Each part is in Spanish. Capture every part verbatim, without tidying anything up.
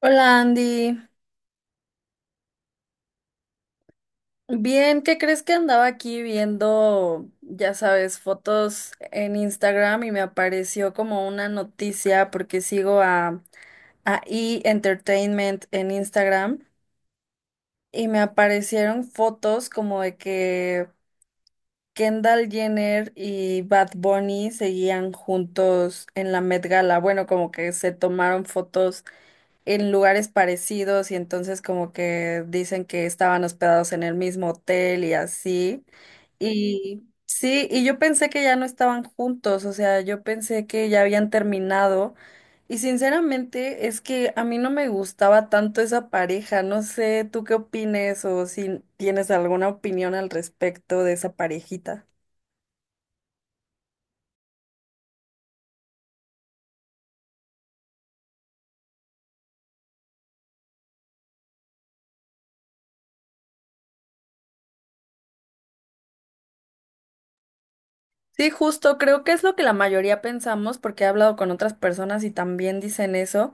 Hola Andy, bien, ¿qué crees? Que andaba aquí viendo, ya sabes, fotos en Instagram y me apareció como una noticia porque sigo a, a E! Entertainment en Instagram y me aparecieron fotos como de que Kendall Jenner y Bad Bunny seguían juntos en la Met Gala, bueno, como que se tomaron fotos en lugares parecidos y entonces como que dicen que estaban hospedados en el mismo hotel y así. Y sí, y yo pensé que ya no estaban juntos, o sea, yo pensé que ya habían terminado. Y sinceramente es que a mí no me gustaba tanto esa pareja, no sé, ¿tú qué opines o si tienes alguna opinión al respecto de esa parejita? Sí, justo, creo que es lo que la mayoría pensamos porque he hablado con otras personas y también dicen eso.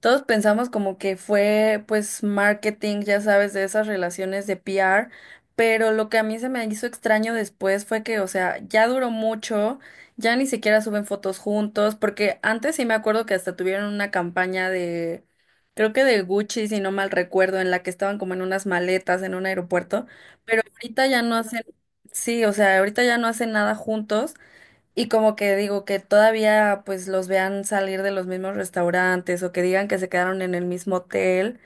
Todos pensamos como que fue pues marketing, ya sabes, de esas relaciones de P R, pero lo que a mí se me hizo extraño después fue que, o sea, ya duró mucho, ya ni siquiera suben fotos juntos, porque antes sí me acuerdo que hasta tuvieron una campaña de, creo que de Gucci, si no mal recuerdo, en la que estaban como en unas maletas en un aeropuerto, pero ahorita ya no hacen, sí, o sea, ahorita ya no hacen nada juntos. Y como que digo que todavía pues los vean salir de los mismos restaurantes o que digan que se quedaron en el mismo hotel,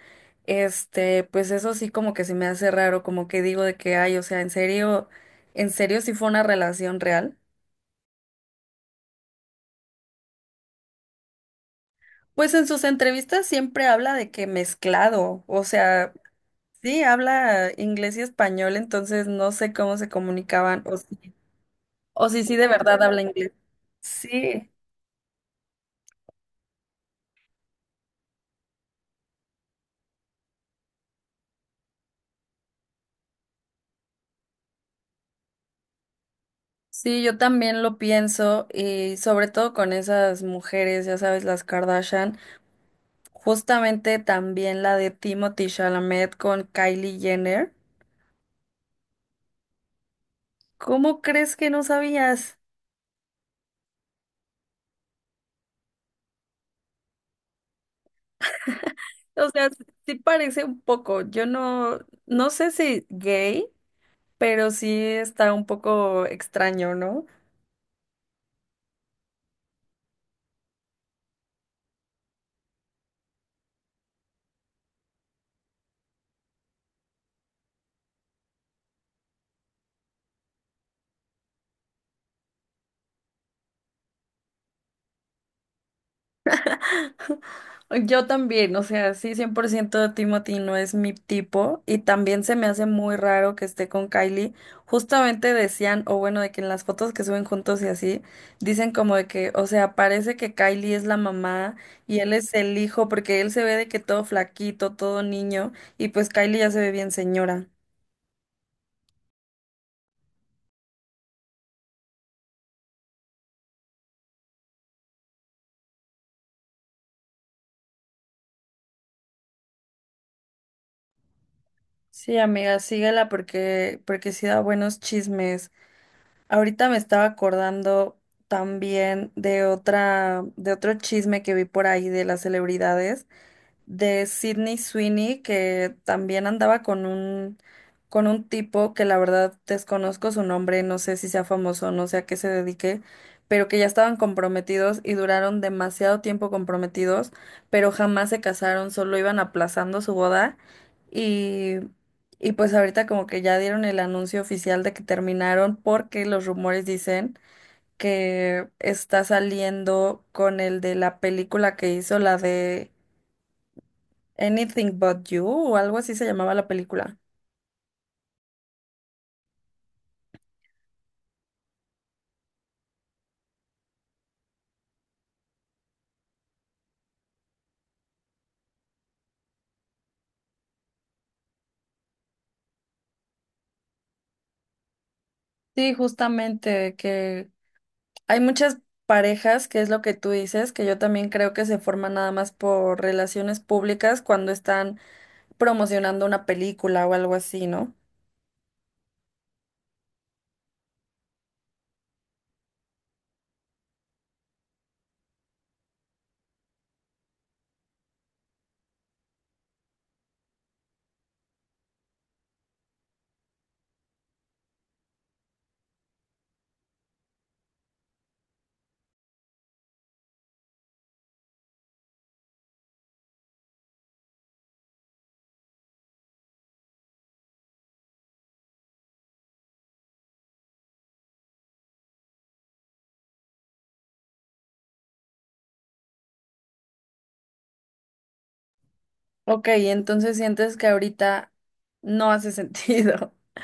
este, pues eso sí como que se me hace raro, como que digo de que, ay, o sea, en serio, en serio sí fue una relación real. Pues en sus entrevistas siempre habla de que mezclado, o sea, sí habla inglés y español, entonces no sé cómo se comunicaban o si, o si sí de verdad habla inglés. Sí. Sí, yo también lo pienso y sobre todo con esas mujeres, ya sabes, las Kardashian, justamente también la de Timothy Chalamet con Kylie Jenner. ¿Cómo crees que no sabías? O sea, sí parece un poco, yo no, no sé si gay, pero sí está un poco extraño, ¿no? Yo también, o sea, sí, cien por ciento Timothy no es mi tipo y también se me hace muy raro que esté con Kylie. Justamente decían, o bueno, de que en las fotos que suben juntos y así, dicen como de que, o sea, parece que Kylie es la mamá y él es el hijo porque él se ve de que todo flaquito, todo niño y pues Kylie ya se ve bien señora. Sí, amiga, síguela porque porque sí da buenos chismes. Ahorita me estaba acordando también de otra, de otro chisme que vi por ahí de las celebridades de Sydney Sweeney, que también andaba con un, con un tipo que la verdad desconozco su nombre, no sé si sea famoso, no sé a qué se dedique, pero que ya estaban comprometidos y duraron demasiado tiempo comprometidos, pero jamás se casaron, solo iban aplazando su boda y, y pues ahorita como que ya dieron el anuncio oficial de que terminaron porque los rumores dicen que está saliendo con el de la película que hizo, la de Anything But You o algo así se llamaba la película. Sí, justamente que hay muchas parejas, que es lo que tú dices, que yo también creo que se forman nada más por relaciones públicas cuando están promocionando una película o algo así, ¿no? Ok, entonces sientes que ahorita no hace sentido.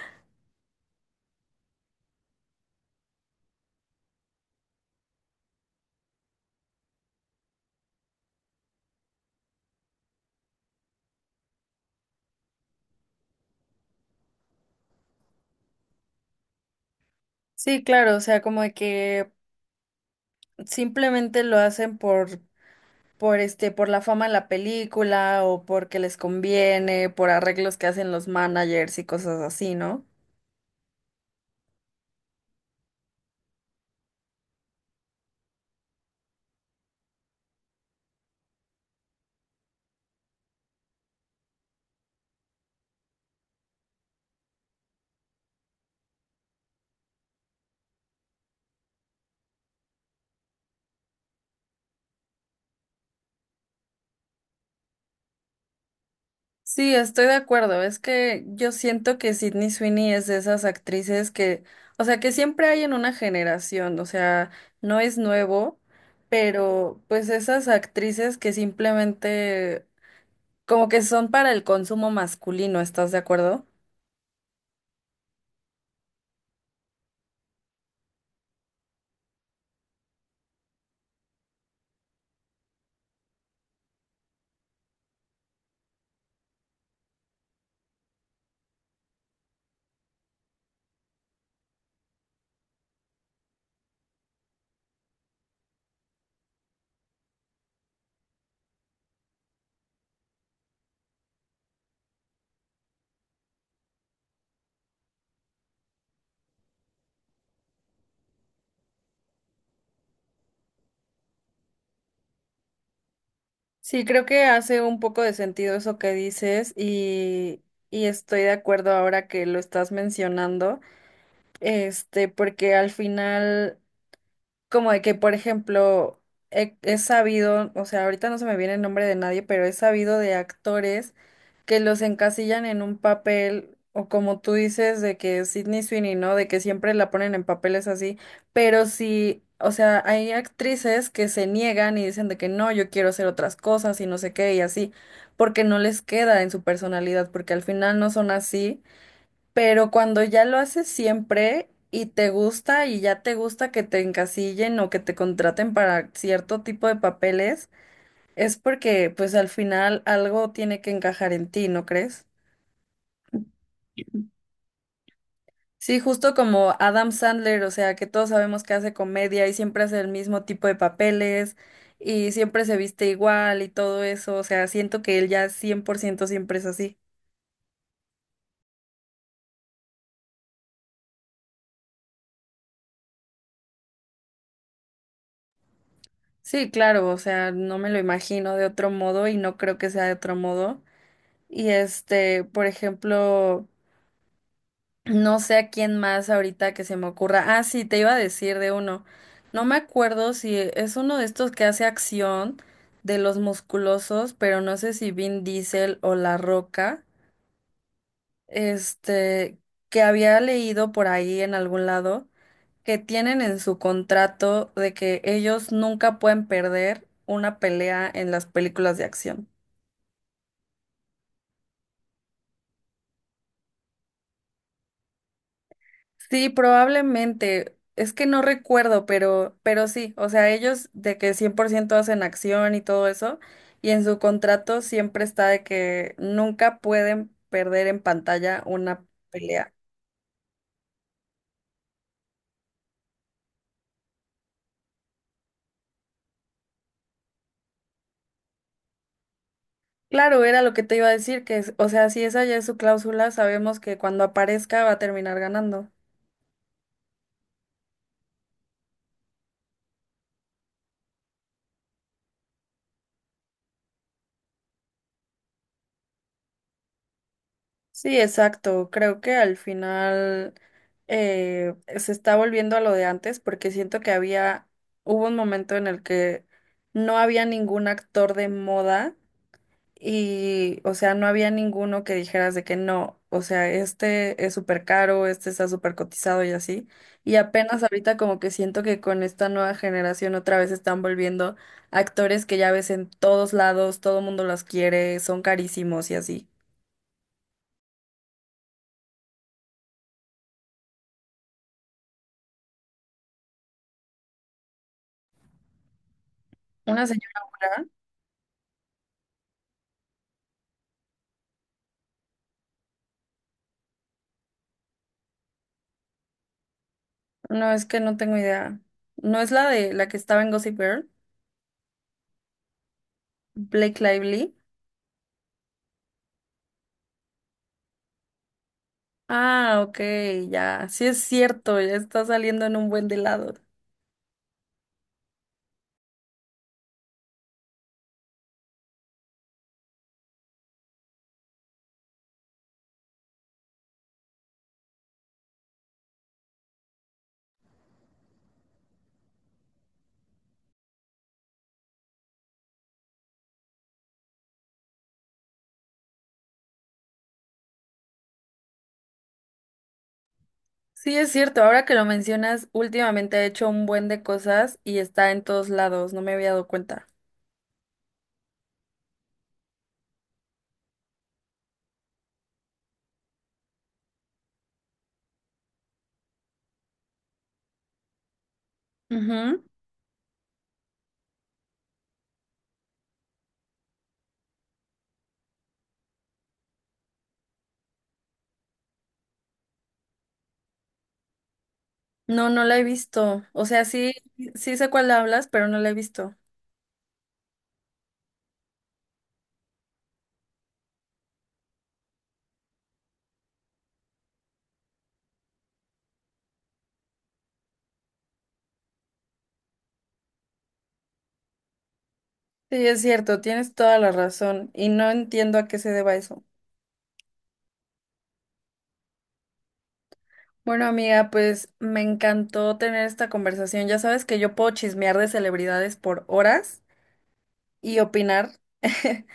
Sí, claro, o sea, como de que simplemente lo hacen por por este, por la fama de la película o porque les conviene, por arreglos que hacen los managers y cosas así, ¿no? Sí, estoy de acuerdo. Es que yo siento que Sydney Sweeney es de esas actrices que, o sea, que siempre hay en una generación, o sea, no es nuevo, pero pues esas actrices que simplemente como que son para el consumo masculino, ¿estás de acuerdo? Sí, creo que hace un poco de sentido eso que dices y, y estoy de acuerdo ahora que lo estás mencionando, este, porque al final... Como de que, por ejemplo, he, he sabido, o sea, ahorita no se me viene el nombre de nadie, pero he sabido de actores que los encasillan en un papel, o como tú dices, de que Sydney Sweeney, ¿no? De que siempre la ponen en papeles así, pero sí, o sea, hay actrices que se niegan y dicen de que no, yo quiero hacer otras cosas y no sé qué y así, porque no les queda en su personalidad, porque al final no son así. Pero cuando ya lo haces siempre y te gusta y ya te gusta que te encasillen o que te contraten para cierto tipo de papeles, es porque pues al final algo tiene que encajar en ti, ¿no crees? Sí, justo como Adam Sandler, o sea, que todos sabemos que hace comedia y siempre hace el mismo tipo de papeles y siempre se viste igual y todo eso, o sea, siento que él ya cien por ciento siempre es así. Sí, claro, o sea, no me lo imagino de otro modo y no creo que sea de otro modo. Y este, por ejemplo, no sé a quién más ahorita que se me ocurra. Ah, sí, te iba a decir de uno. No me acuerdo si es uno de estos que hace acción de los musculosos, pero no sé si Vin Diesel o La Roca, este, que había leído por ahí en algún lado que tienen en su contrato de que ellos nunca pueden perder una pelea en las películas de acción. Sí, probablemente. Es que no recuerdo, pero, pero sí, o sea, ellos de que cien por ciento hacen acción y todo eso, y en su contrato siempre está de que nunca pueden perder en pantalla una pelea. Claro, era lo que te iba a decir, que, es- o sea, si esa ya es su cláusula, sabemos que cuando aparezca va a terminar ganando. Sí, exacto. Creo que al final eh, se está volviendo a lo de antes porque siento que había, hubo un momento en el que no había ningún actor de moda y, o sea, no había ninguno que dijeras de que no, o sea, este es súper caro, este está súper cotizado y así. Y apenas ahorita como que siento que con esta nueva generación otra vez están volviendo actores que ya ves en todos lados, todo mundo los quiere, son carísimos y así. Una señora. No, es que no tengo idea. ¿No es la de la que estaba en Gossip Girl? Blake Lively. Ah, ok, ya. Sí es cierto, ya está saliendo en un buen de lado. Sí es cierto, ahora que lo mencionas, últimamente ha hecho un buen de cosas y está en todos lados, no me había dado cuenta. Ujú. No, no la he visto. O sea, sí, sí sé cuál hablas, pero no la he visto. Sí, es cierto, tienes toda la razón y no entiendo a qué se deba eso. Bueno, amiga, pues me encantó tener esta conversación. Ya sabes que yo puedo chismear de celebridades por horas y opinar,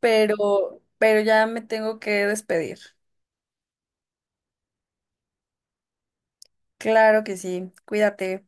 pero, pero ya me tengo que despedir. Claro que sí, cuídate.